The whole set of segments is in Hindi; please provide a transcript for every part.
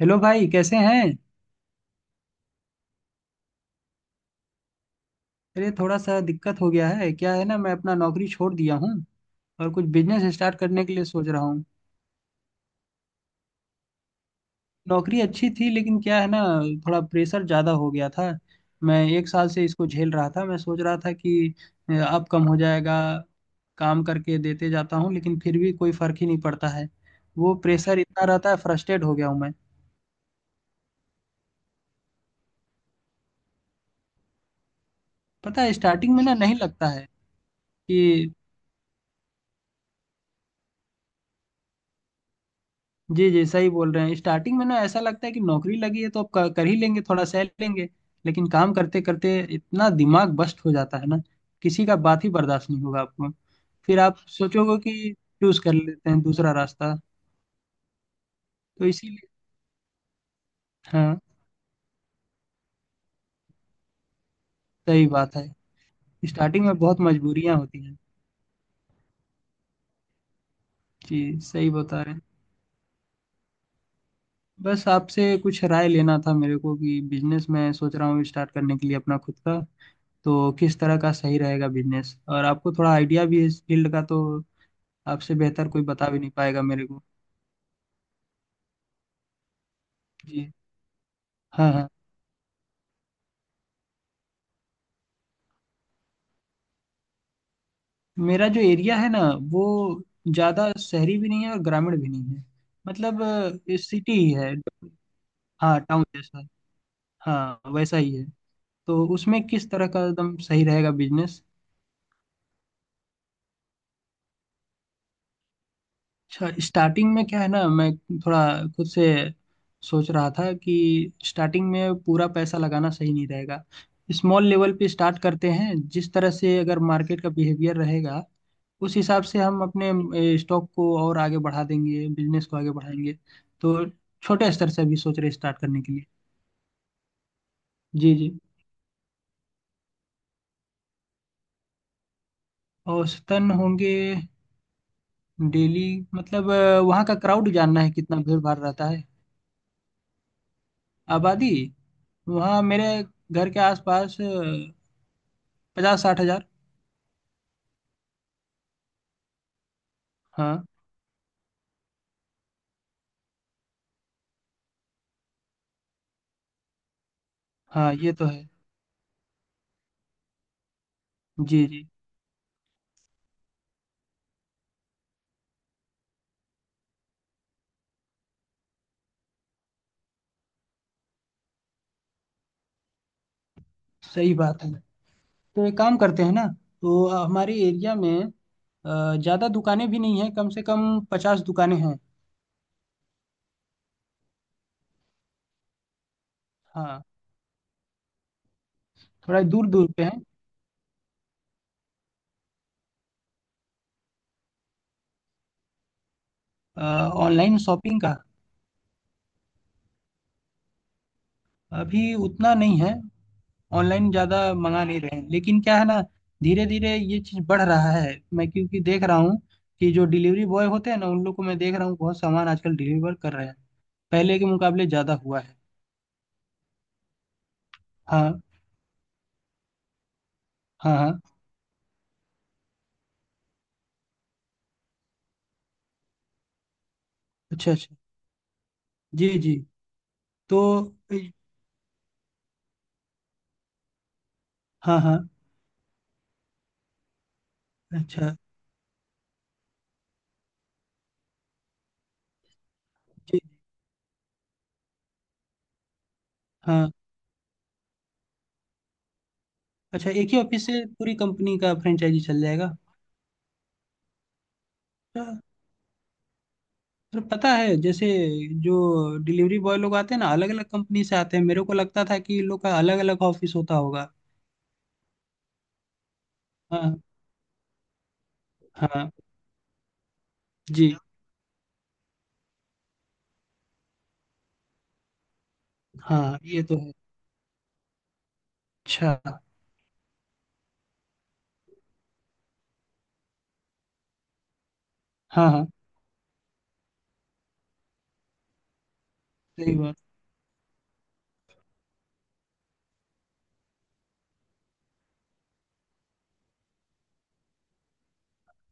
हेलो भाई कैसे हैं। अरे थोड़ा सा दिक्कत हो गया है, क्या है ना, मैं अपना नौकरी छोड़ दिया हूँ और कुछ बिजनेस स्टार्ट करने के लिए सोच रहा हूँ। नौकरी अच्छी थी लेकिन क्या है ना, थोड़ा प्रेशर ज़्यादा हो गया था। मैं 1 साल से इसको झेल रहा था। मैं सोच रहा था कि अब कम हो जाएगा। काम करके देते जाता हूँ लेकिन फिर भी कोई फर्क ही नहीं पड़ता है। वो प्रेशर इतना रहता है, फ्रस्ट्रेट हो गया हूँ मैं। पता है स्टार्टिंग में ना नहीं लगता है कि जी जी सही बोल रहे हैं। स्टार्टिंग में ना ऐसा लगता है कि नौकरी लगी है तो अब कर ही लेंगे, थोड़ा सह लेंगे। लेकिन काम करते करते इतना दिमाग बस्ट हो जाता है ना, किसी का बात ही बर्दाश्त नहीं होगा आपको। फिर आप सोचोगे कि चूज कर लेते हैं दूसरा रास्ता। तो इसीलिए हाँ सही बात है। स्टार्टिंग में बहुत मजबूरियां होती हैं। जी सही बता रहे हैं। बस आपसे कुछ राय लेना था मेरे को कि बिजनेस मैं सोच रहा हूँ स्टार्ट करने के लिए अपना खुद का। तो किस तरह का सही रहेगा बिजनेस, और आपको थोड़ा आइडिया भी है इस फील्ड का, तो आपसे बेहतर कोई बता भी नहीं पाएगा मेरे को। जी, हाँ हाँ। मेरा जो एरिया है ना, वो ज़्यादा शहरी भी नहीं है और ग्रामीण भी नहीं है। मतलब सिटी ही है। हाँ टाउन जैसा। हाँ वैसा ही है। तो उसमें किस तरह का एकदम सही रहेगा बिजनेस। अच्छा, स्टार्टिंग में क्या है ना, मैं थोड़ा खुद से सोच रहा था कि स्टार्टिंग में पूरा पैसा लगाना सही नहीं रहेगा। स्मॉल लेवल पे स्टार्ट करते हैं, जिस तरह से अगर मार्केट का बिहेवियर रहेगा उस हिसाब से हम अपने स्टॉक को और आगे बढ़ा देंगे, बिजनेस को आगे बढ़ाएंगे। तो छोटे स्तर से अभी सोच रहे स्टार्ट करने के लिए। जी जी। औसतन होंगे डेली। मतलब वहाँ का क्राउड जानना है, कितना भीड़ भाड़ रहता है। आबादी, वहाँ मेरे घर के आसपास 50-60 हजार। हाँ हाँ, ये तो है। जी जी, सही बात है। तो एक काम करते हैं ना। तो हमारे एरिया में ज़्यादा दुकानें भी नहीं हैं, कम से कम 50 दुकानें हैं। हाँ, थोड़ा दूर दूर पे हैं। अ, ऑनलाइन शॉपिंग का अभी उतना नहीं है। ऑनलाइन ज़्यादा मंगा नहीं रहे हैं लेकिन क्या है ना, धीरे धीरे ये चीज़ बढ़ रहा है। मैं क्योंकि देख रहा हूँ कि जो डिलीवरी बॉय होते हैं ना, उन लोग को मैं देख रहा हूँ बहुत सामान आजकल डिलीवर कर रहे हैं। पहले के मुकाबले ज़्यादा हुआ है। हाँ हाँ हाँ। अच्छा अच्छा। जी जी। तो ए- हाँ हाँ। अच्छा। जी। हाँ। अच्छा एक ही ऑफिस से पूरी कंपनी का फ्रेंचाइजी चल जाएगा। अच्छा, तो पता है जैसे जो डिलीवरी बॉय लोग आते हैं ना, अलग अलग कंपनी से आते हैं, मेरे को लगता था कि इन लोग का अलग अलग ऑफिस होता होगा। हाँ हाँ। जी। हाँ ये तो है। अच्छा। हाँ हाँ। सही बात।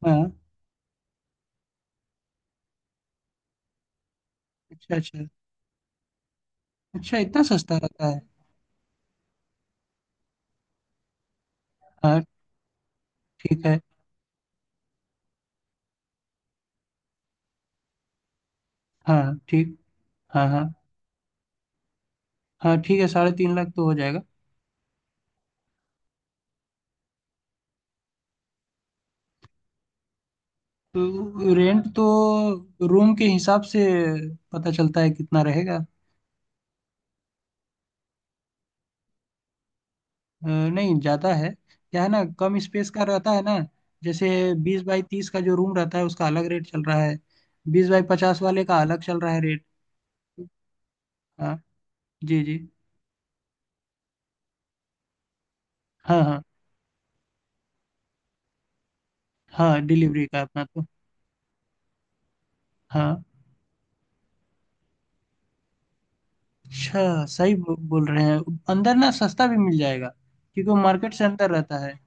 हाँ। अच्छा अच्छा। अच्छा इतना सस्ता रहता है। हाँ ठीक है। हाँ ठीक। हाँ हाँ। हाँ ठीक है, 3.5 लाख तो हो जाएगा। तो रेंट तो रूम के हिसाब से पता चलता है कितना रहेगा। अ, नहीं ज़्यादा है। क्या है ना, कम स्पेस का रहता है ना। जैसे 20 बाई 30 का जो रूम रहता है उसका अलग रेट चल रहा है, 20 बाई 50 वाले का अलग चल रहा है रेट। हाँ। जी जी। हाँ हाँ। हाँ डिलीवरी का अपना तो। हाँ अच्छा। सही बोल रहे हैं। अंदर ना सस्ता भी मिल जाएगा, क्योंकि वो मार्केट से अंदर रहता है।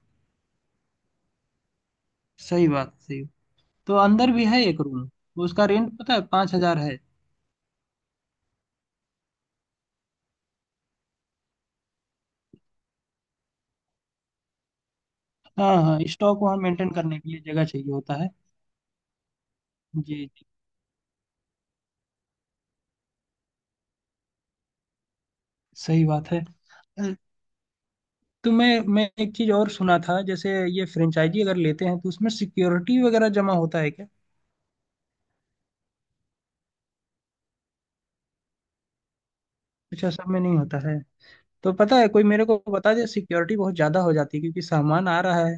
सही बात, सही। तो अंदर भी है एक रूम, उसका रेंट पता है 5 हजार है। हाँ हाँ, स्टॉक वहाँ मेंटेन करने के लिए जगह चाहिए होता है। जी जी, सही बात है। तो मैं एक चीज और सुना था, जैसे ये फ्रेंचाइजी अगर लेते हैं तो उसमें सिक्योरिटी वगैरह जमा होता है क्या। अच्छा सब में नहीं होता है। तो पता है कोई मेरे को बता दे, सिक्योरिटी बहुत ज्यादा हो जाती है क्योंकि सामान आ रहा है,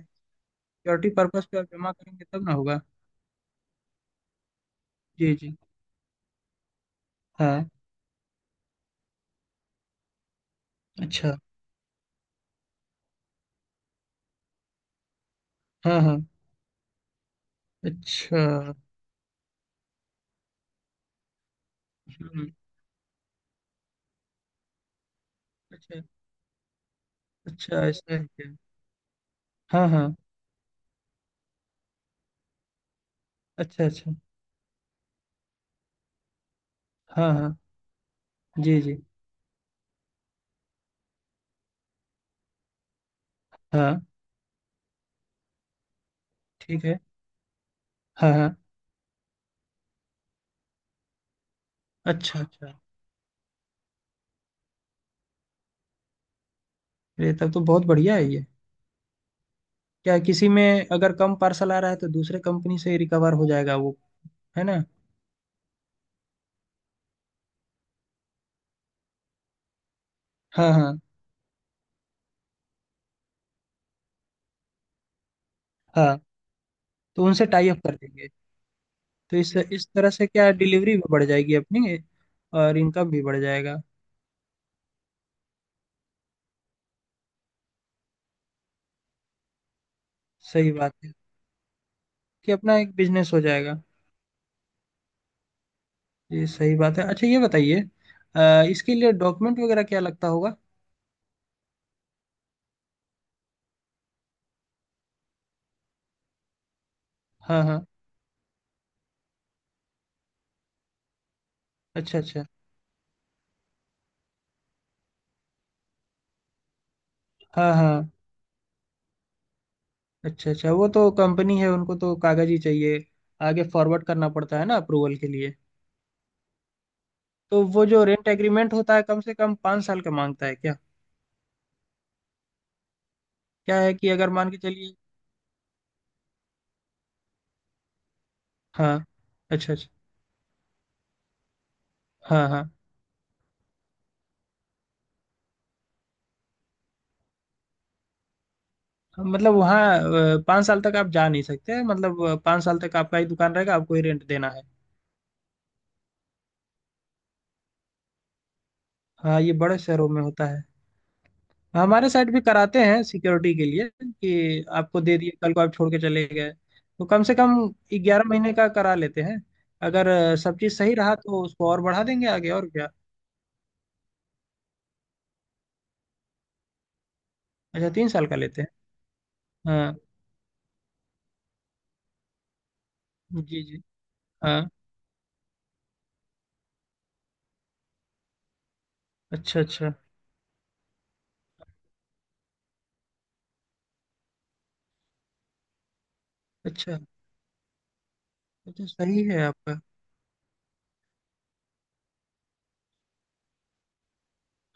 सिक्योरिटी पर्पस पे आप जमा करेंगे तब ना होगा। जी जी। हाँ अच्छा। हाँ हाँ। अच्छा। हम्म, अच्छा अच्छा। ऐसा है क्या। हाँ हाँ। अच्छा अच्छा। हाँ हाँ। जी जी। हाँ ठीक है। हाँ हाँ। अच्छा अच्छा। ये तब तो बहुत बढ़िया है ये। क्या है, किसी में अगर कम पार्सल आ रहा है तो दूसरे कंपनी से रिकवर हो जाएगा वो, है ना। हाँ हाँ हाँ। तो उनसे टाई अप कर देंगे। तो इस तरह से क्या डिलीवरी भी बढ़ जाएगी अपनी और इनकम भी बढ़ जाएगा। सही बात है, कि अपना एक बिजनेस हो जाएगा। ये सही बात है। अच्छा ये बताइए, इसके लिए डॉक्यूमेंट वगैरह क्या लगता होगा। हाँ हाँ। अच्छा अच्छा। हाँ हाँ। अच्छा अच्छा, वो तो कंपनी है उनको तो कागज ही चाहिए, आगे फॉरवर्ड करना पड़ता है ना अप्रूवल के लिए। तो वो जो रेंट एग्रीमेंट होता है कम से कम 5 साल का मांगता है क्या। क्या है कि अगर मान के चलिए। हाँ। अच्छा अच्छा। हाँ हाँ। हाँ, मतलब वहाँ 5 साल तक आप जा नहीं सकते, मतलब 5 साल तक आपका ही दुकान रहेगा, आपको ही रेंट देना है। हाँ ये बड़े शहरों में होता है। हमारे साइड भी कराते हैं सिक्योरिटी के लिए कि आपको दे दिए कल को आप छोड़ के चले गए, तो कम से कम 11 महीने का करा लेते हैं। अगर सब चीज़ सही रहा तो उसको और बढ़ा देंगे आगे, और क्या। अच्छा 3 साल का लेते हैं। हाँ। जी जी। हाँ। अच्छा अच्छा। अच्छा ये तो सही है आपका।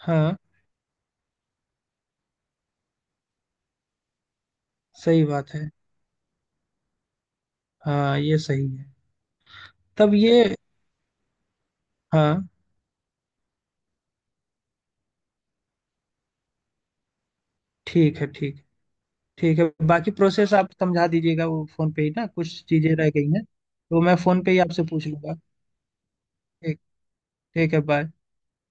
हाँ सही बात है। हाँ ये सही है। तब ये। हाँ ठीक है। ठीक है। ठीक है, बाकी प्रोसेस आप समझा दीजिएगा वो फोन पे ही ना, कुछ चीजें रह गई हैं तो मैं फोन पे ही आपसे पूछ लूंगा। ठीक, ठीक है बाय।